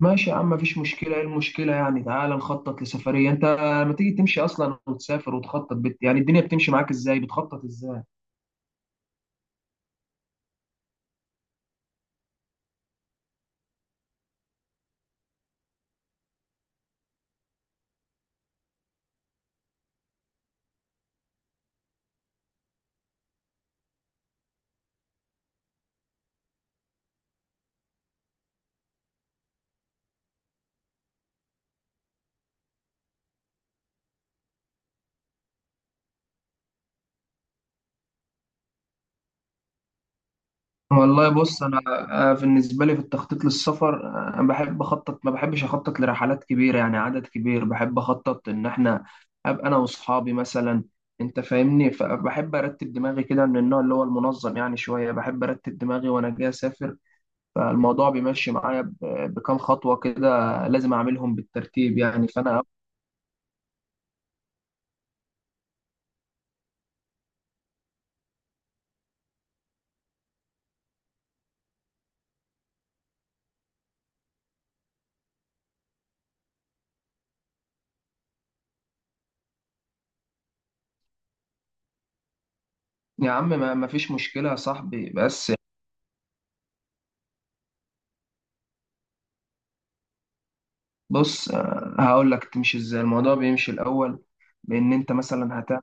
ماشي يا عم، مفيش مشكلة. ايه المشكلة يعني؟ تعالى نخطط لسفرية. انت ما تيجي تمشي اصلا وتسافر وتخطط يعني الدنيا بتمشي معاك ازاي، بتخطط ازاي؟ والله بص انا، بالنسبة لي في التخطيط للسفر، انا بحب اخطط، ما بحبش اخطط لرحلات كبيرة يعني عدد كبير. بحب اخطط ان احنا ابقى انا واصحابي مثلا. انت فاهمني، فبحب ارتب دماغي كده، من النوع اللي هو المنظم يعني شوية. بحب ارتب دماغي وانا جاي اسافر. فالموضوع بيمشي معايا بكام خطوة كده، لازم اعملهم بالترتيب يعني. فانا يا عم ما فيش مشكلة يا صاحبي بس. بص، هقول لك تمشي ازاي الموضوع بيمشي الأول، بإن أنت مثلا هتعمل.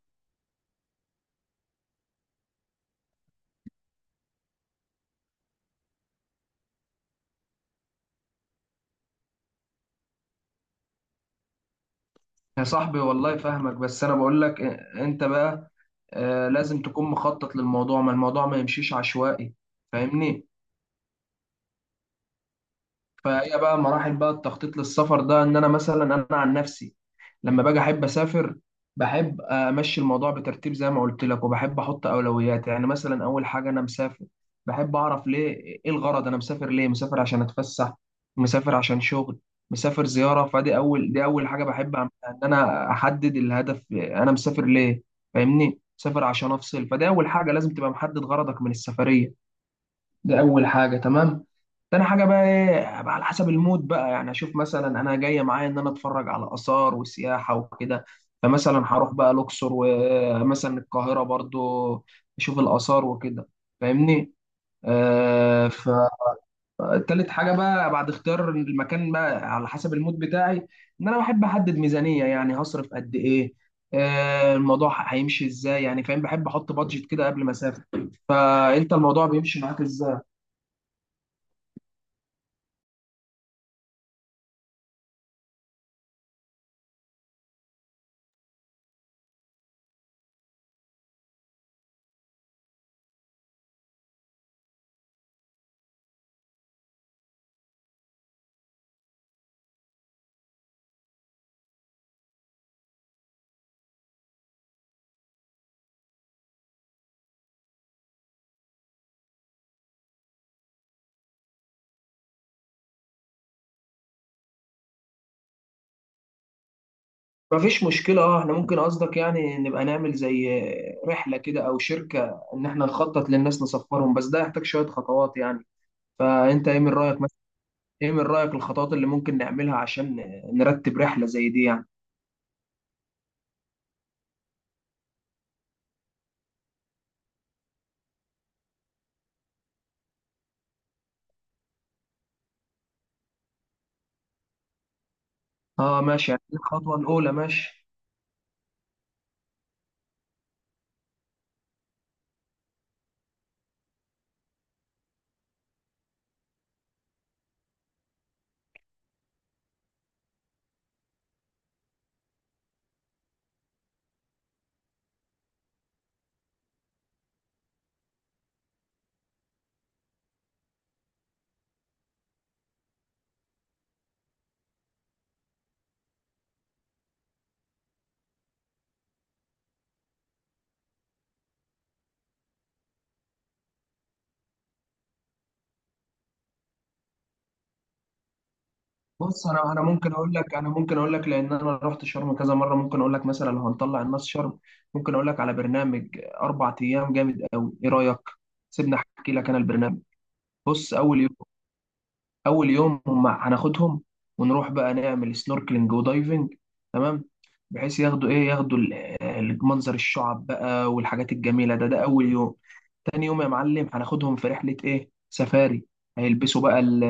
يا صاحبي والله فاهمك، بس أنا بقول لك، أنت بقى لازم تكون مخطط للموضوع، ما الموضوع ما يمشيش عشوائي. فاهمني. فهي بقى مراحل بقى التخطيط للسفر ده، ان انا مثلا انا عن نفسي، لما باجي احب اسافر، بحب امشي الموضوع بترتيب زي ما قلت لك، وبحب احط اولويات. يعني مثلا اول حاجه، انا مسافر بحب اعرف ليه. ايه الغرض؟ انا مسافر ليه؟ مسافر عشان اتفسح، مسافر عشان شغل، مسافر زياره. فدي اول حاجه بحب أعملها، ان انا احدد الهدف انا مسافر ليه. فاهمني. مسافر عشان افصل. فدي اول حاجه لازم تبقى محدد غرضك من السفريه. دي اول حاجه، تمام. تاني حاجه بقى، ايه بقى؟ على حسب المود بقى، يعني اشوف مثلا انا جايه معايا ان انا اتفرج على اثار وسياحه وكده. فمثلا هروح بقى الاقصر، ومثلا القاهره برضو، اشوف الاثار وكده. فاهمني. آه. فتالت حاجه بقى بعد اختيار المكان بقى على حسب المود بتاعي، ان انا بحب احدد ميزانيه، يعني هصرف قد ايه، الموضوع هيمشي ازاي يعني، فاهم، بحب احط بادجت كده قبل ما اسافر. فانت الموضوع بيمشي معاك ازاي؟ مفيش مشكلة، اه احنا ممكن، قصدك يعني نبقى نعمل زي رحلة كده او شركة ان احنا نخطط للناس نسفرهم، بس ده يحتاج شوية خطوات يعني. فانت ايه من رأيك مثلا؟ ايه من رأيك الخطوات اللي ممكن نعملها عشان نرتب رحلة زي دي يعني؟ اه ماشي يعني الخطوة الاولى ماشي. بص، انا ممكن اقول لك لان انا رحت شرم كذا مرة، ممكن اقول لك مثلا لو هنطلع الناس شرم، ممكن اقول لك على برنامج 4 ايام جامد قوي. ايه رأيك؟ سيبني احكي لك انا البرنامج. بص اول يوم هم هناخدهم ونروح بقى نعمل سنوركلينج ودايفنج. تمام. بحيث ياخدوا منظر الشعب بقى والحاجات الجميله. ده اول يوم. تاني يوم يا معلم هناخدهم في رحله ايه، سفاري. هيلبسوا بقى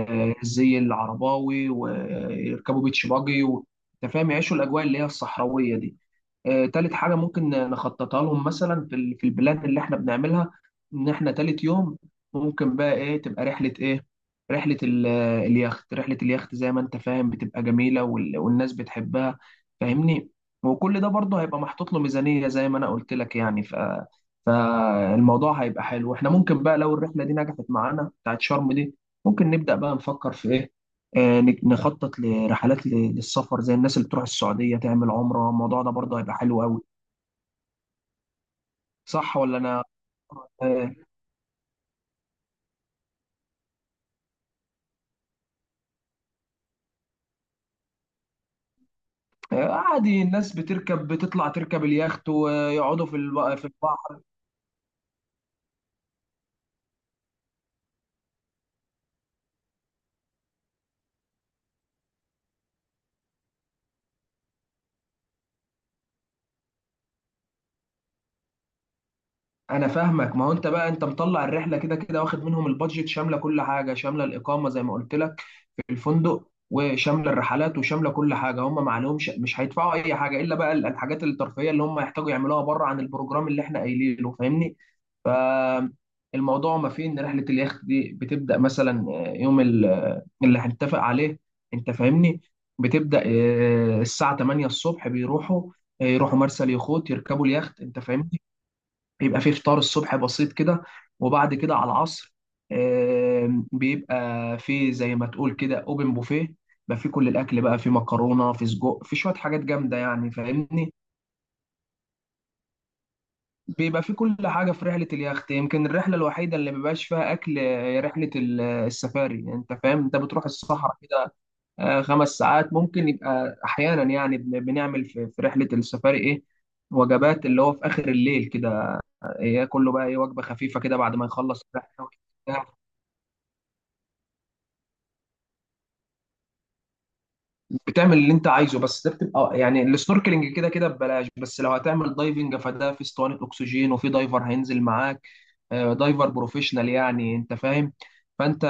الزي العرباوي ويركبوا بيتش باجي انت فاهم، يعيشوا الاجواء اللي هي الصحراويه دي. تالت حاجة ممكن نخططها لهم مثلا في البلان اللي احنا بنعملها، ان احنا تالت يوم ممكن بقى ايه، تبقى رحلة ايه، رحلة اليخت زي ما انت فاهم بتبقى جميلة، والناس بتحبها. فاهمني. وكل ده برضه هيبقى محطوط له ميزانية زي ما انا قلت لك يعني فالموضوع هيبقى حلو. احنا ممكن بقى، لو الرحلة دي نجحت معانا بتاعت شرم دي، ممكن نبدأ بقى نفكر في ايه، نخطط لرحلات للسفر زي الناس اللي بتروح السعودية تعمل عمرة. الموضوع ده برضه هيبقى حلو قوي، صح ولا انا؟ آه، عادي، الناس بتركب، بتطلع تركب اليخت ويقعدوا في البحر. انا فاهمك، ما هو انت بقى انت مطلع الرحلة كده كده، واخد منهم البادجت شاملة كل حاجة، شاملة الإقامة زي ما قلت لك في الفندق، وشامله الرحلات، وشامله كل حاجه. هم ما عليهمش، مش هيدفعوا اي حاجه الا بقى الحاجات الترفيهيه اللي هم يحتاجوا يعملوها بره عن البروجرام اللي احنا قايلينه. فاهمني. فالموضوع ما فيه ان رحله اليخت دي بتبدا مثلا يوم اللي هنتفق عليه، انت فاهمني. بتبدا الساعه 8 الصبح، بيروحوا يروحوا مرسى اليخوت، يركبوا اليخت. انت فاهمني. بيبقى فيه فطار الصبح بسيط كده، وبعد كده على العصر، بيبقى فيه زي ما تقول كده اوبن بوفيه. بيبقى فيه كل الاكل بقى، فيه مكرونه، فيه سجق، فيه شويه حاجات جامده يعني. فاهمني. بيبقى فيه كل حاجه في رحله اليخت. يمكن الرحله الوحيده اللي مبيبقاش فيها اكل رحله السفاري. انت فاهم، انت بتروح الصحراء كده. 5 ساعات ممكن يبقى احيانا يعني، بنعمل في رحله السفاري ايه، وجبات اللي هو في اخر الليل كده، ياكل له بقى ايه وجبه خفيفه كده بعد ما يخلص الرحله وبتاع. بتعمل اللي انت عايزه، بس ده بتبقى يعني السنوركلينج كده كده ببلاش. بس لو هتعمل دايفنج فده في اسطوانه اكسجين وفي دايفر هينزل معاك. دايفر بروفيشنال يعني، انت فاهم. فانت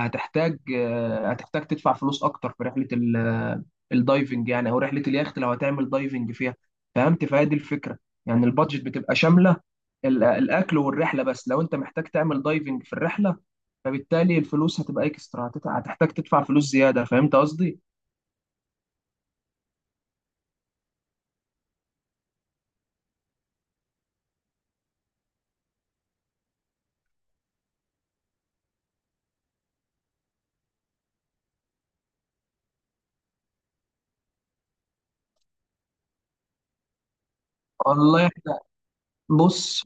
هتحتاج تدفع فلوس اكتر في رحله الدايفنج يعني، او رحله اليخت لو هتعمل دايفنج فيها. فهمت؟ فهي دي الفكره. يعني البادجت بتبقى شامله الاكل والرحله. بس لو انت محتاج تعمل دايفنج في الرحله، فبالتالي الفلوس هتبقى اكسترا، هتحتاج تدفع فلوس زياده. فهمت قصدي؟ والله احنا. بص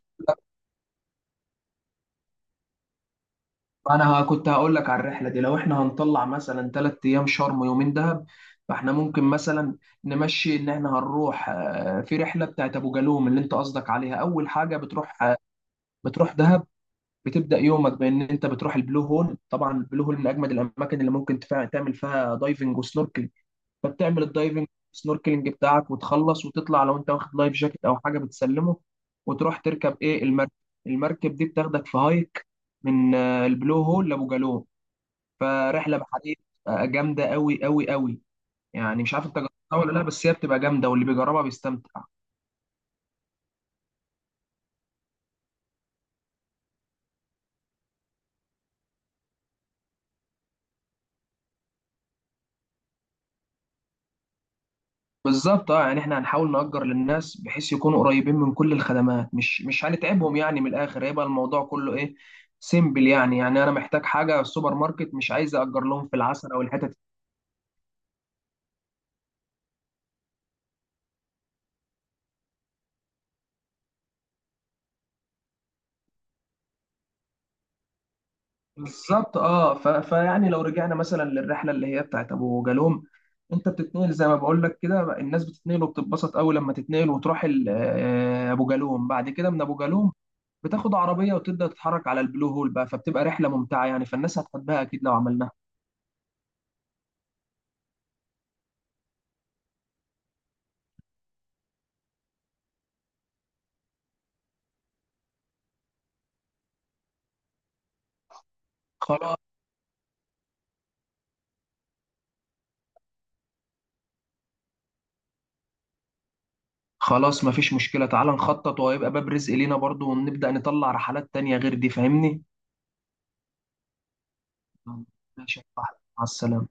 انا كنت هقول لك على الرحله دي، لو احنا هنطلع مثلا 3 ايام شرم ويومين دهب، فاحنا ممكن مثلا نمشي ان احنا هنروح في رحله بتاعت ابو جالوم اللي انت قصدك عليها. اول حاجه بتروح بتروح دهب. بتبدا يومك بان انت بتروح البلو هول. طبعا البلو هول من اجمد الاماكن اللي ممكن تعمل فيها دايفنج وسنوركل. فبتعمل الدايفنج سنوركلينج بتاعك وتخلص وتطلع. لو انت واخد لايف جاكيت او حاجه بتسلمه، وتروح تركب ايه، المركب. المركب دي بتاخدك في هايك من البلو هول لابو جالوم، فرحله بحريه جامده قوي قوي قوي. يعني مش عارف انت جربتها ولا لا، بس هي بتبقى جامده واللي بيجربها بيستمتع. بالظبط، اه يعني احنا هنحاول نأجر للناس بحيث يكونوا قريبين من كل الخدمات، مش هنتعبهم يعني، من الاخر هيبقى الموضوع كله ايه، سيمبل يعني انا محتاج حاجه سوبر ماركت، مش عايز اجر لهم في العسل او الحتت. بالظبط، اه فيعني لو رجعنا مثلا للرحله اللي هي بتاعت ابو جالوم، انت بتتنقل زي ما بقول لك كده. الناس بتتنقل وبتتبسط قوي لما تتنقل وتروح ابو جالوم. بعد كده من ابو جالوم بتاخد عربيه وتبدا تتحرك على البلو هول بقى، فبتبقى رحله ممتعه يعني. فالناس هتحبها اكيد لو عملناها. خلاص. خلاص مفيش مشكله، تعال نخطط وهيبقى باب رزق لينا برضو، ونبدا نطلع رحلات تانية غير دي. فاهمني. ماشي يا صاحبي، مع السلامه.